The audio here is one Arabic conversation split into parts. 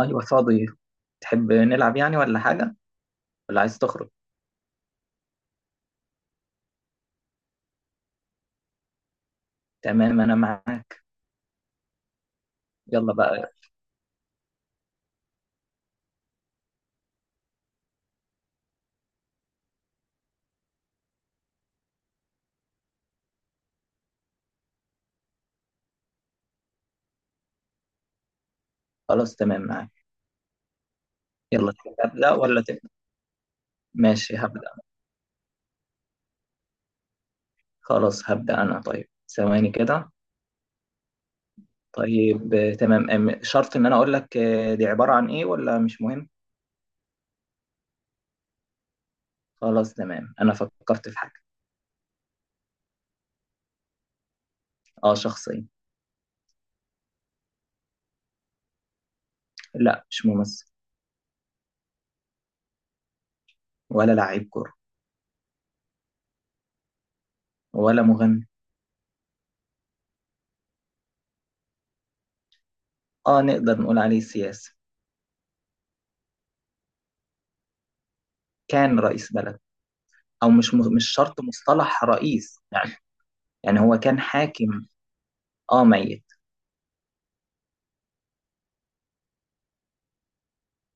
ايوه، فاضي. تحب نلعب يعني ولا حاجه، ولا عايز تخرج؟ تمام انا معاك. يلا بقى. خلاص تمام معاك. يلا، تحب ابدا ولا تبدا؟ ماشي، هبدا. خلاص هبدا انا، طيب ثواني كده. طيب تمام. شرط ان انا اقول لك دي عباره عن ايه ولا مش مهم؟ خلاص تمام، انا فكرت في حاجه. اه، شخصيه. لا مش ممثل. ولا لعيب كوره. ولا مغني. اه، نقدر نقول عليه سياسي. كان رئيس بلد. او مش شرط مصطلح رئيس يعني. يعني هو كان حاكم. اه ميت.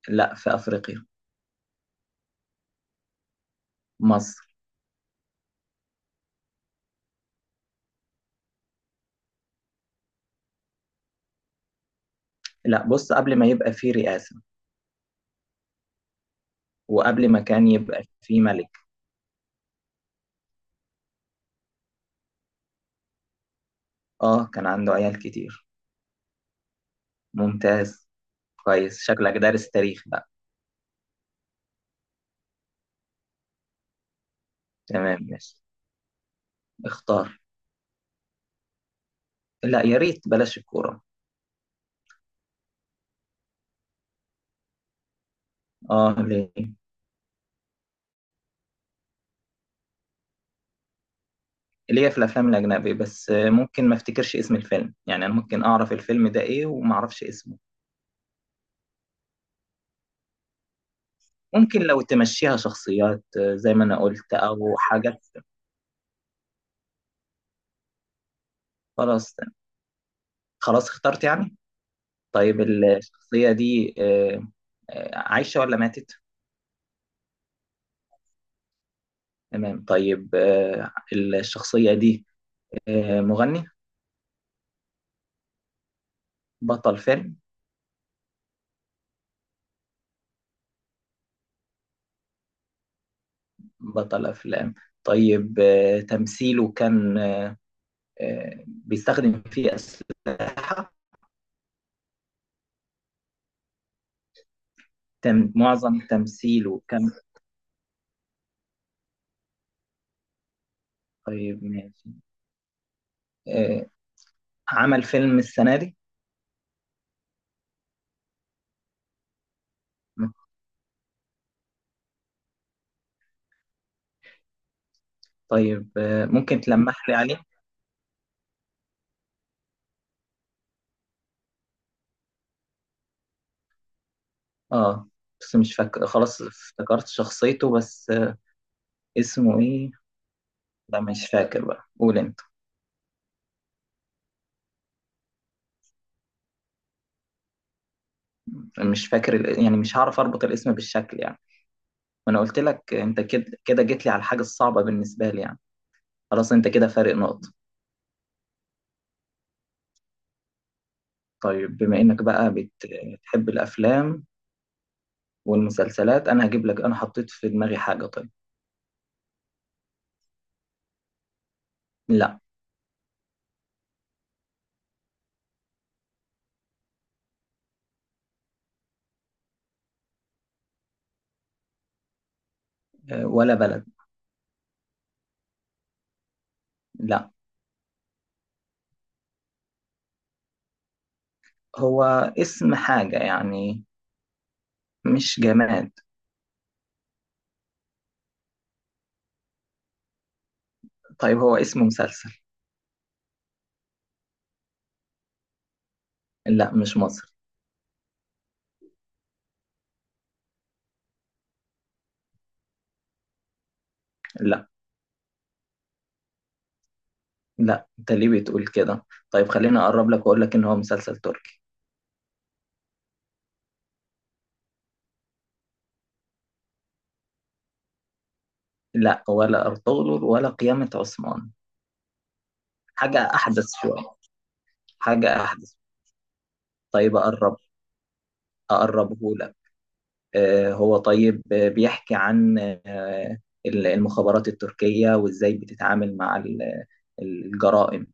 لا، في أفريقيا. مصر. لا بص، قبل ما يبقى فيه رئاسة. وقبل ما كان يبقى فيه ملك. اه، كان عنده عيال كتير. ممتاز. كويس، شكلك دارس تاريخ بقى. تمام ماشي. اختار. لا يا ريت بلاش الكورة. اه، ليه؟ ليه في الأفلام الأجنبي، بس ممكن ما افتكرش اسم الفيلم يعني. أنا ممكن أعرف الفيلم ده إيه وما أعرفش اسمه. ممكن لو تمشيها شخصيات زي ما أنا قلت، أو حاجات. خلاص خلاص اخترت يعني. طيب الشخصية دي عايشة ولا ماتت؟ تمام طيب الشخصية دي مغني. بطل فيلم. بطل أفلام. طيب تمثيله كان بيستخدم فيه أسلحة. تم معظم تمثيله كان. طيب ماشي. آه، عمل فيلم السنة دي. طيب ممكن تلمح لي عليه؟ اه، بس مش فاكر. خلاص افتكرت شخصيته، بس اسمه ايه؟ لا مش فاكر بقى، قول انت. مش فاكر يعني مش هعرف اربط الاسم بالشكل يعني. وانا قلت لك انت كده كده جيت لي على الحاجه الصعبه بالنسبه لي يعني. خلاص، انت كده فارق نقطه. طيب بما انك بقى بتحب الافلام والمسلسلات. انا هجيب لك، انا حطيت في دماغي حاجه. طيب. لا. ولا بلد. لا. هو اسم حاجه يعني، مش جماد. طيب هو اسم مسلسل. لا مش مصري. لا لا، انت ليه بتقول كده؟ طيب خليني اقرب لك واقول لك ان هو مسلسل تركي. لا، ولا ارطغرل ولا قيامة عثمان. حاجة أحدث شوية. حاجة أحدث. طيب أقرب. أقربه لك. هو طيب بيحكي عن آه، المخابرات التركية وإزاي بتتعامل مع الجرائم.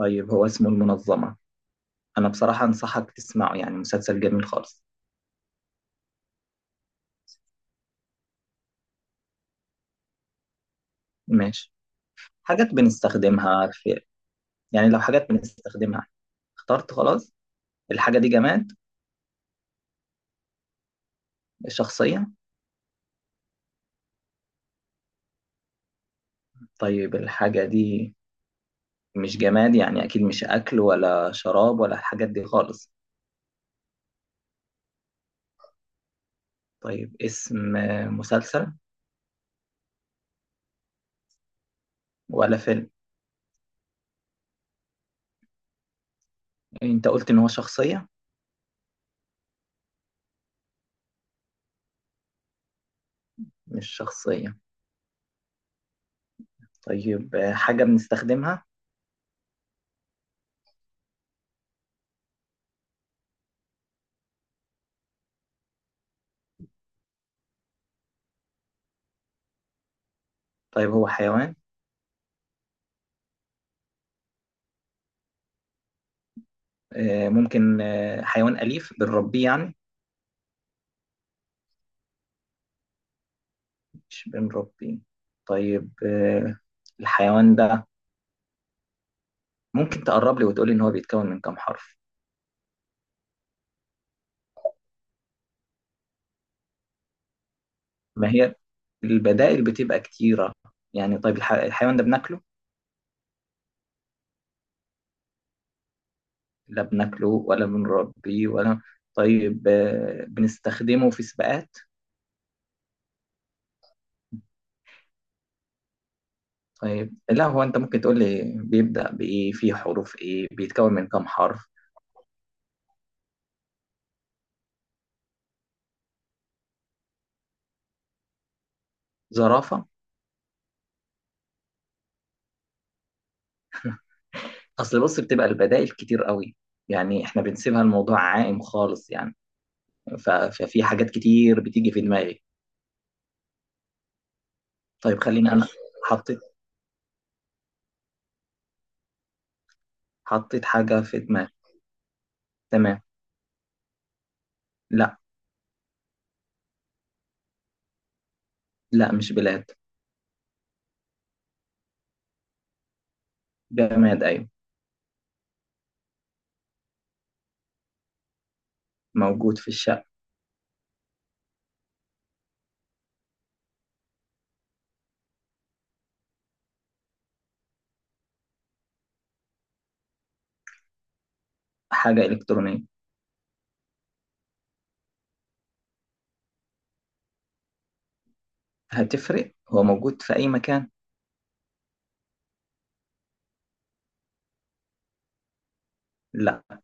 طيب هو اسمه المنظمة. أنا بصراحة أنصحك تسمعه، يعني مسلسل جميل خالص. ماشي. حاجات بنستخدمها في، يعني لو حاجات بنستخدمها. اخترت خلاص. الحاجة دي جماد. الشخصية. طيب الحاجة دي مش جماد، يعني أكيد مش أكل ولا شراب ولا الحاجات دي خالص. طيب اسم مسلسل ولا فيلم؟ انت قلت ان هو شخصية. مش شخصية. طيب حاجة بنستخدمها. طيب هو حيوان. ممكن حيوان أليف بنربيه يعني. مش بنربيه. طيب الحيوان ده ممكن تقرب لي وتقول لي ان هو بيتكون من كام حرف. ما هي البدائل بتبقى كتيرة. يعني طيب الحيوان ده بناكله؟ لا بناكله ولا بنربيه ولا. طيب بنستخدمه في سباقات؟ طيب لا. هو انت ممكن تقول لي بيبدأ بإيه، فيه حروف إيه، بيتكون من كام حرف. زرافة. أصل بص بتبقى البدائل كتير قوي. يعني احنا بنسيبها الموضوع عائم خالص يعني. ففي حاجات كتير بتيجي في دماغي. طيب خليني أنا ماشي، حطيت حاجة في دماغي. تمام. لا. لا مش بلاد. جماد أيوه. موجود في الشقة. حاجة إلكترونية. هتفرق هو موجود في أي مكان. لا.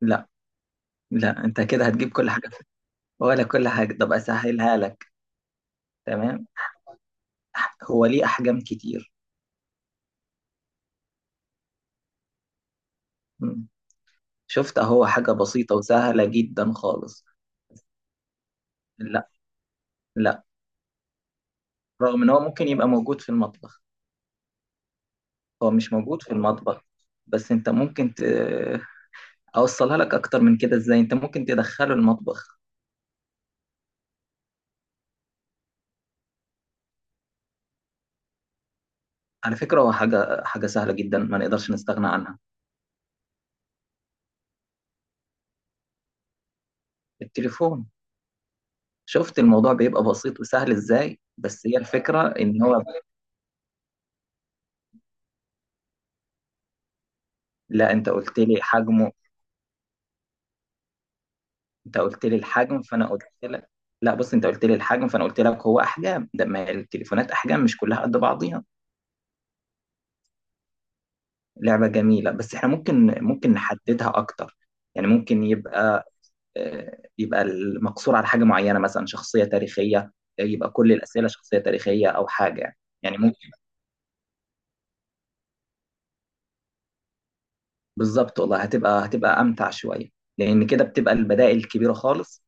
لا لا، انت كده هتجيب كل حاجة. ولا كل حاجة. طب أسهلها لك. تمام. هو ليه أحجام كتير. مم. شفت أهو، حاجة بسيطة وسهلة جدا خالص. لا. لا، رغم إن هو ممكن يبقى موجود في المطبخ، هو مش موجود في المطبخ. بس أنت ممكن أوصلها لك أكتر من كده إزاي أنت ممكن تدخله المطبخ. على فكرة هو حاجة حاجة سهلة جدا ما نقدرش نستغنى عنها. التليفون. شفت الموضوع بيبقى بسيط وسهل إزاي، بس هي الفكرة إن هو. لا أنت قلت لي حجمه. انت قلت لي الحجم، فانا قلت لك. لا بص، انت قلت لي الحجم فانا قلت لك هو احجام، ده ما التليفونات احجام مش كلها قد بعضيها. لعبة جميلة، بس احنا ممكن نحددها اكتر. يعني ممكن يبقى يبقى المقصور على حاجة معينة، مثلا شخصية تاريخية. يبقى كل الأسئلة شخصية تاريخية او حاجة يعني. يعني ممكن. بالظبط والله، هتبقى امتع شوية، لان كده بتبقى البدائل كبيرة خالص.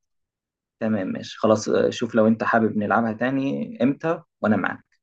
تمام ماشي خلاص، شوف لو انت حابب نلعبها تاني امتى، وانا معاك.